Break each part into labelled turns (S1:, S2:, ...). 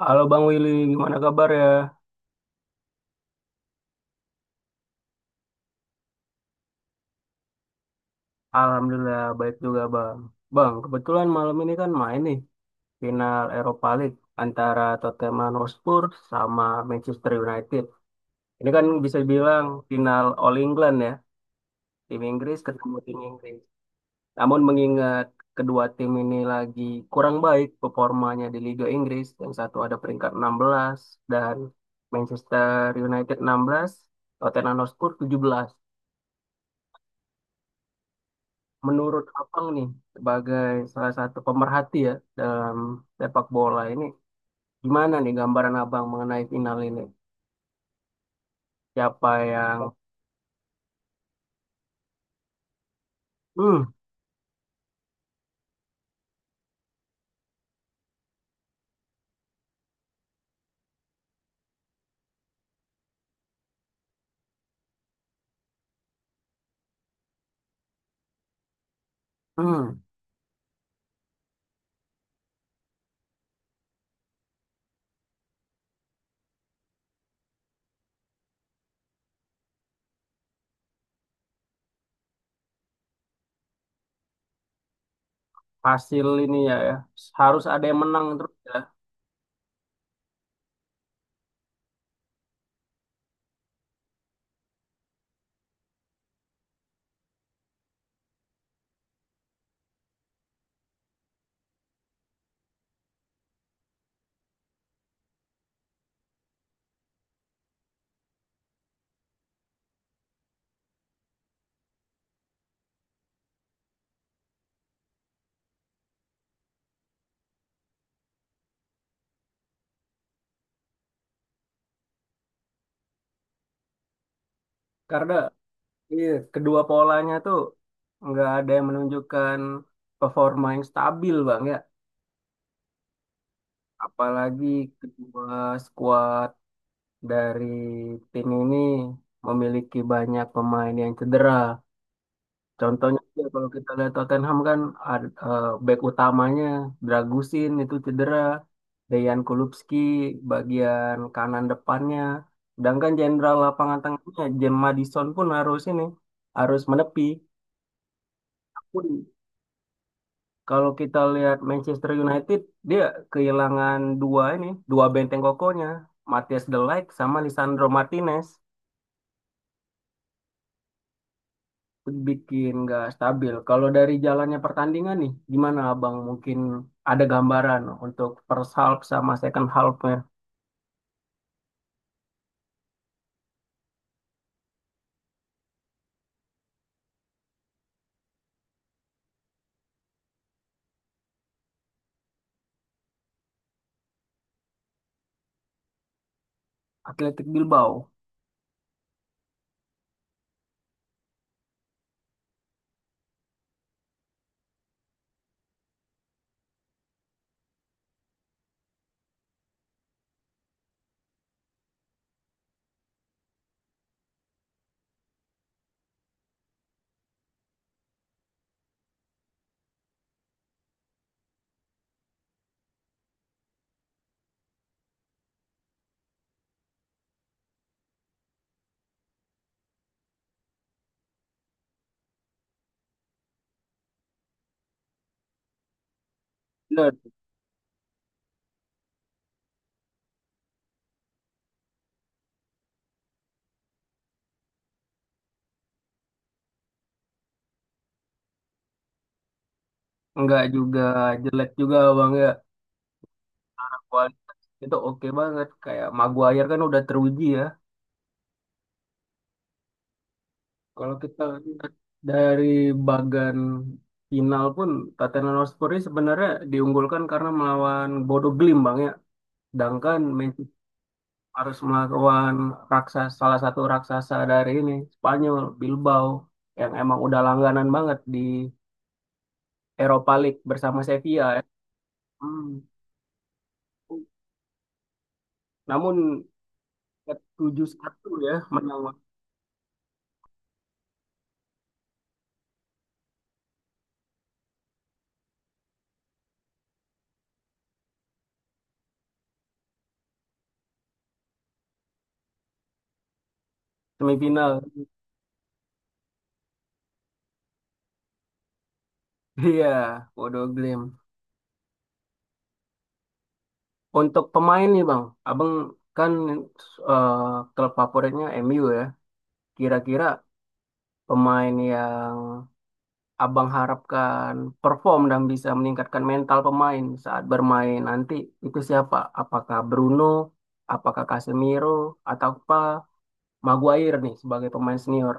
S1: Halo Bang Willy, gimana kabar ya? Alhamdulillah baik juga Bang. Bang, kebetulan malam ini kan main nih final Europa League antara Tottenham Hotspur sama Manchester United. Ini kan bisa dibilang final All England ya, tim Inggris ketemu tim Inggris. Namun mengingat kedua tim ini lagi kurang baik performanya di Liga Inggris, yang satu ada peringkat 16 dan Manchester United 16, Tottenham Hotspur 17. Menurut Abang nih sebagai salah satu pemerhati ya dalam sepak bola ini, gimana nih gambaran Abang mengenai final ini? Siapa yang hmm, hmm, Hasil ini, ya, ya harus ada yang menang terus, ya. Karena iya, kedua polanya tuh nggak ada yang menunjukkan performa yang stabil, Bang ya. Apalagi kedua skuad dari tim ini memiliki banyak pemain yang cedera. Contohnya ya, kalau kita lihat Tottenham kan back utamanya Dragusin itu cedera, Dejan Kulupski bagian kanan depannya, sedangkan jenderal lapangan tengahnya James Maddison pun harus menepi. Pun kalau kita lihat Manchester United, dia kehilangan dua benteng kokohnya, Matthias De Ligt sama Lisandro Martinez. Bikin nggak stabil. Kalau dari jalannya pertandingan nih, gimana Abang? Mungkin ada gambaran untuk first half sama second half-nya. Athletic Bilbao? Bener. Nggak juga, jelek juga Bang ya. Kualitas itu oke banget. Kayak Maguire kan udah teruji ya. Kalau kita lihat dari bagan final pun, Tottenham Hotspur ini sebenarnya diunggulkan karena melawan Bodo Glimt Bang ya. Sedangkan harus melawan raksasa, salah satu raksasa dari ini Spanyol Bilbao, yang emang udah langganan banget di Europa League bersama Sevilla ya. Hmm. Namun 7 satu ya menang semifinal. Iya, Bodo Glim. Untuk pemain nih Bang, Abang kan eh, klub favoritnya MU ya. Kira-kira pemain yang Abang harapkan perform dan bisa meningkatkan mental pemain saat bermain nanti itu siapa? Apakah Bruno, apakah Casemiro, atau apa Maguire nih sebagai pemain senior?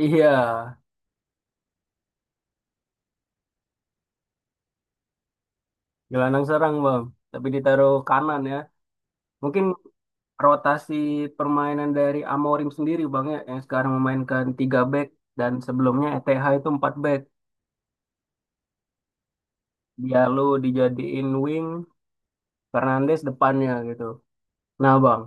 S1: Iya, gelandang serang bang, tapi ditaruh kanan ya. Mungkin rotasi permainan dari Amorim sendiri bang ya, yang sekarang memainkan 3 back dan sebelumnya ETH itu 4 back. Dia lu dijadiin wing, Fernandes depannya gitu. Nah bang,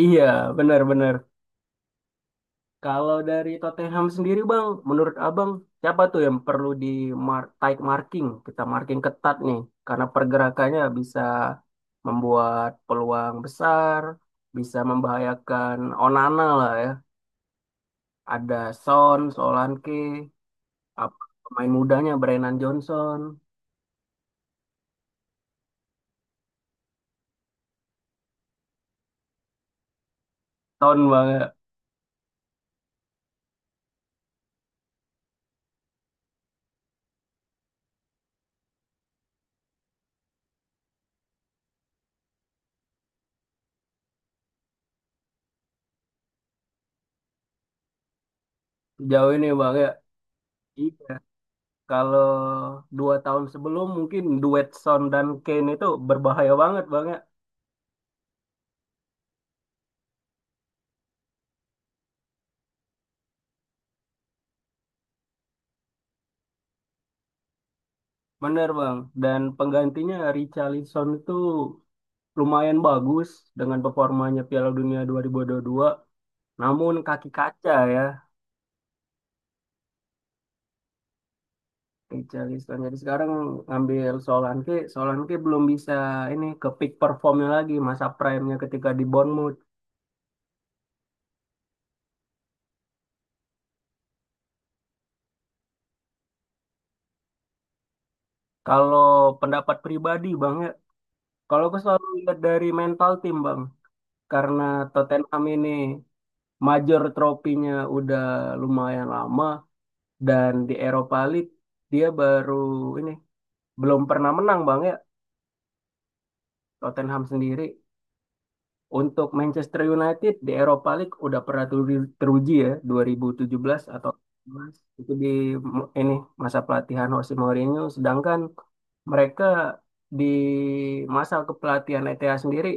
S1: iya benar-benar. Kalau dari Tottenham sendiri Bang, menurut Abang siapa tuh yang perlu di mar tight marking? Kita marking ketat nih karena pergerakannya bisa membuat peluang besar, bisa membahayakan Onana lah ya. Ada Son, Solanke, apa pemain mudanya Brennan Johnson. Tahun Bang ya. Sejauh ini Bang ya. Iya. Kalau dua tahun sebelum, mungkin duet Son dan Kane itu berbahaya banget Bang ya. Bener Bang, dan penggantinya Richarlison itu lumayan bagus dengan performanya Piala Dunia 2022. Namun kaki kaca ya Richarlison. Jadi sekarang ngambil Solanke, Solanke belum bisa ini ke peak performnya lagi, masa prime-nya ketika di Bournemouth. Kalau pendapat pribadi Bang ya, kalau aku selalu lihat dari mental tim Bang, karena Tottenham ini major tropinya udah lumayan lama, dan di Eropa League dia baru ini belum pernah menang Bang ya, Tottenham sendiri. Untuk Manchester United di Eropa League udah pernah teruji ya 2017 atau 18 itu di ini masa pelatihan Jose Mourinho, sedangkan mereka di masa kepelatihan ETA sendiri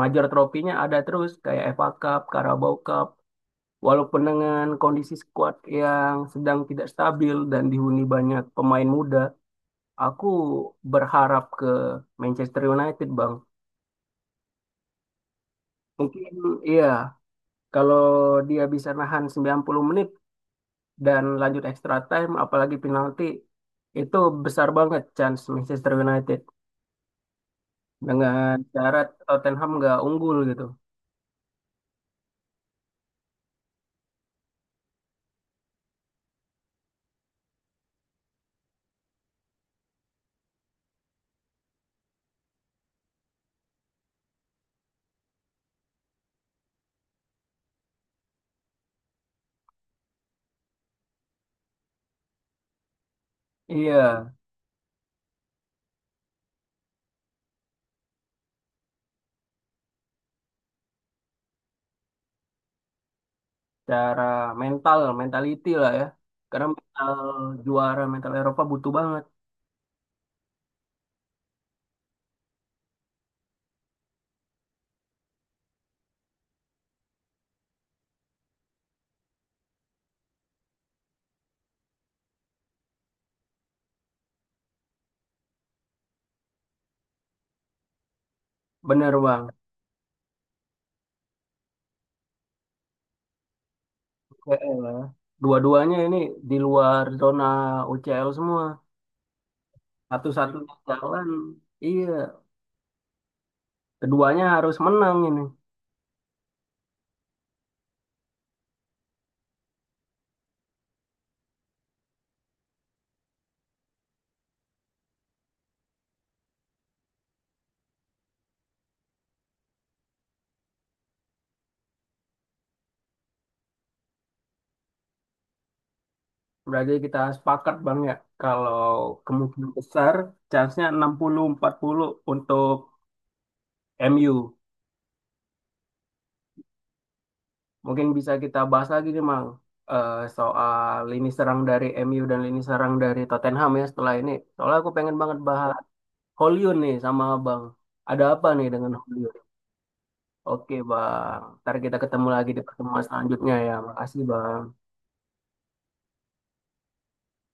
S1: major tropinya ada terus kayak FA Cup, Carabao Cup. Walaupun dengan kondisi skuad yang sedang tidak stabil dan dihuni banyak pemain muda, aku berharap ke Manchester United, Bang. Mungkin iya, kalau dia bisa nahan 90 menit dan lanjut extra time, apalagi penalti, itu besar banget chance Manchester United dengan syarat Tottenham nggak unggul gitu. Iya, cara mental, mentality lah ya. Karena mental juara, mental Eropa butuh banget. Bener bang, PL. Dua-duanya ini di luar zona UCL semua. Satu-satunya jalan, iya. Keduanya harus menang ini. Berarti kita sepakat Bang ya, kalau kemungkinan besar, chance-nya 60-40 untuk MU. Mungkin bisa kita bahas lagi nih Bang, soal lini serang dari MU dan lini serang dari Tottenham ya setelah ini. Soalnya aku pengen banget bahas Hollywood nih sama Bang. Ada apa nih dengan Hollywood? Oke, Bang. Ntar kita ketemu lagi di pertemuan selanjutnya ya. Makasih, Bang.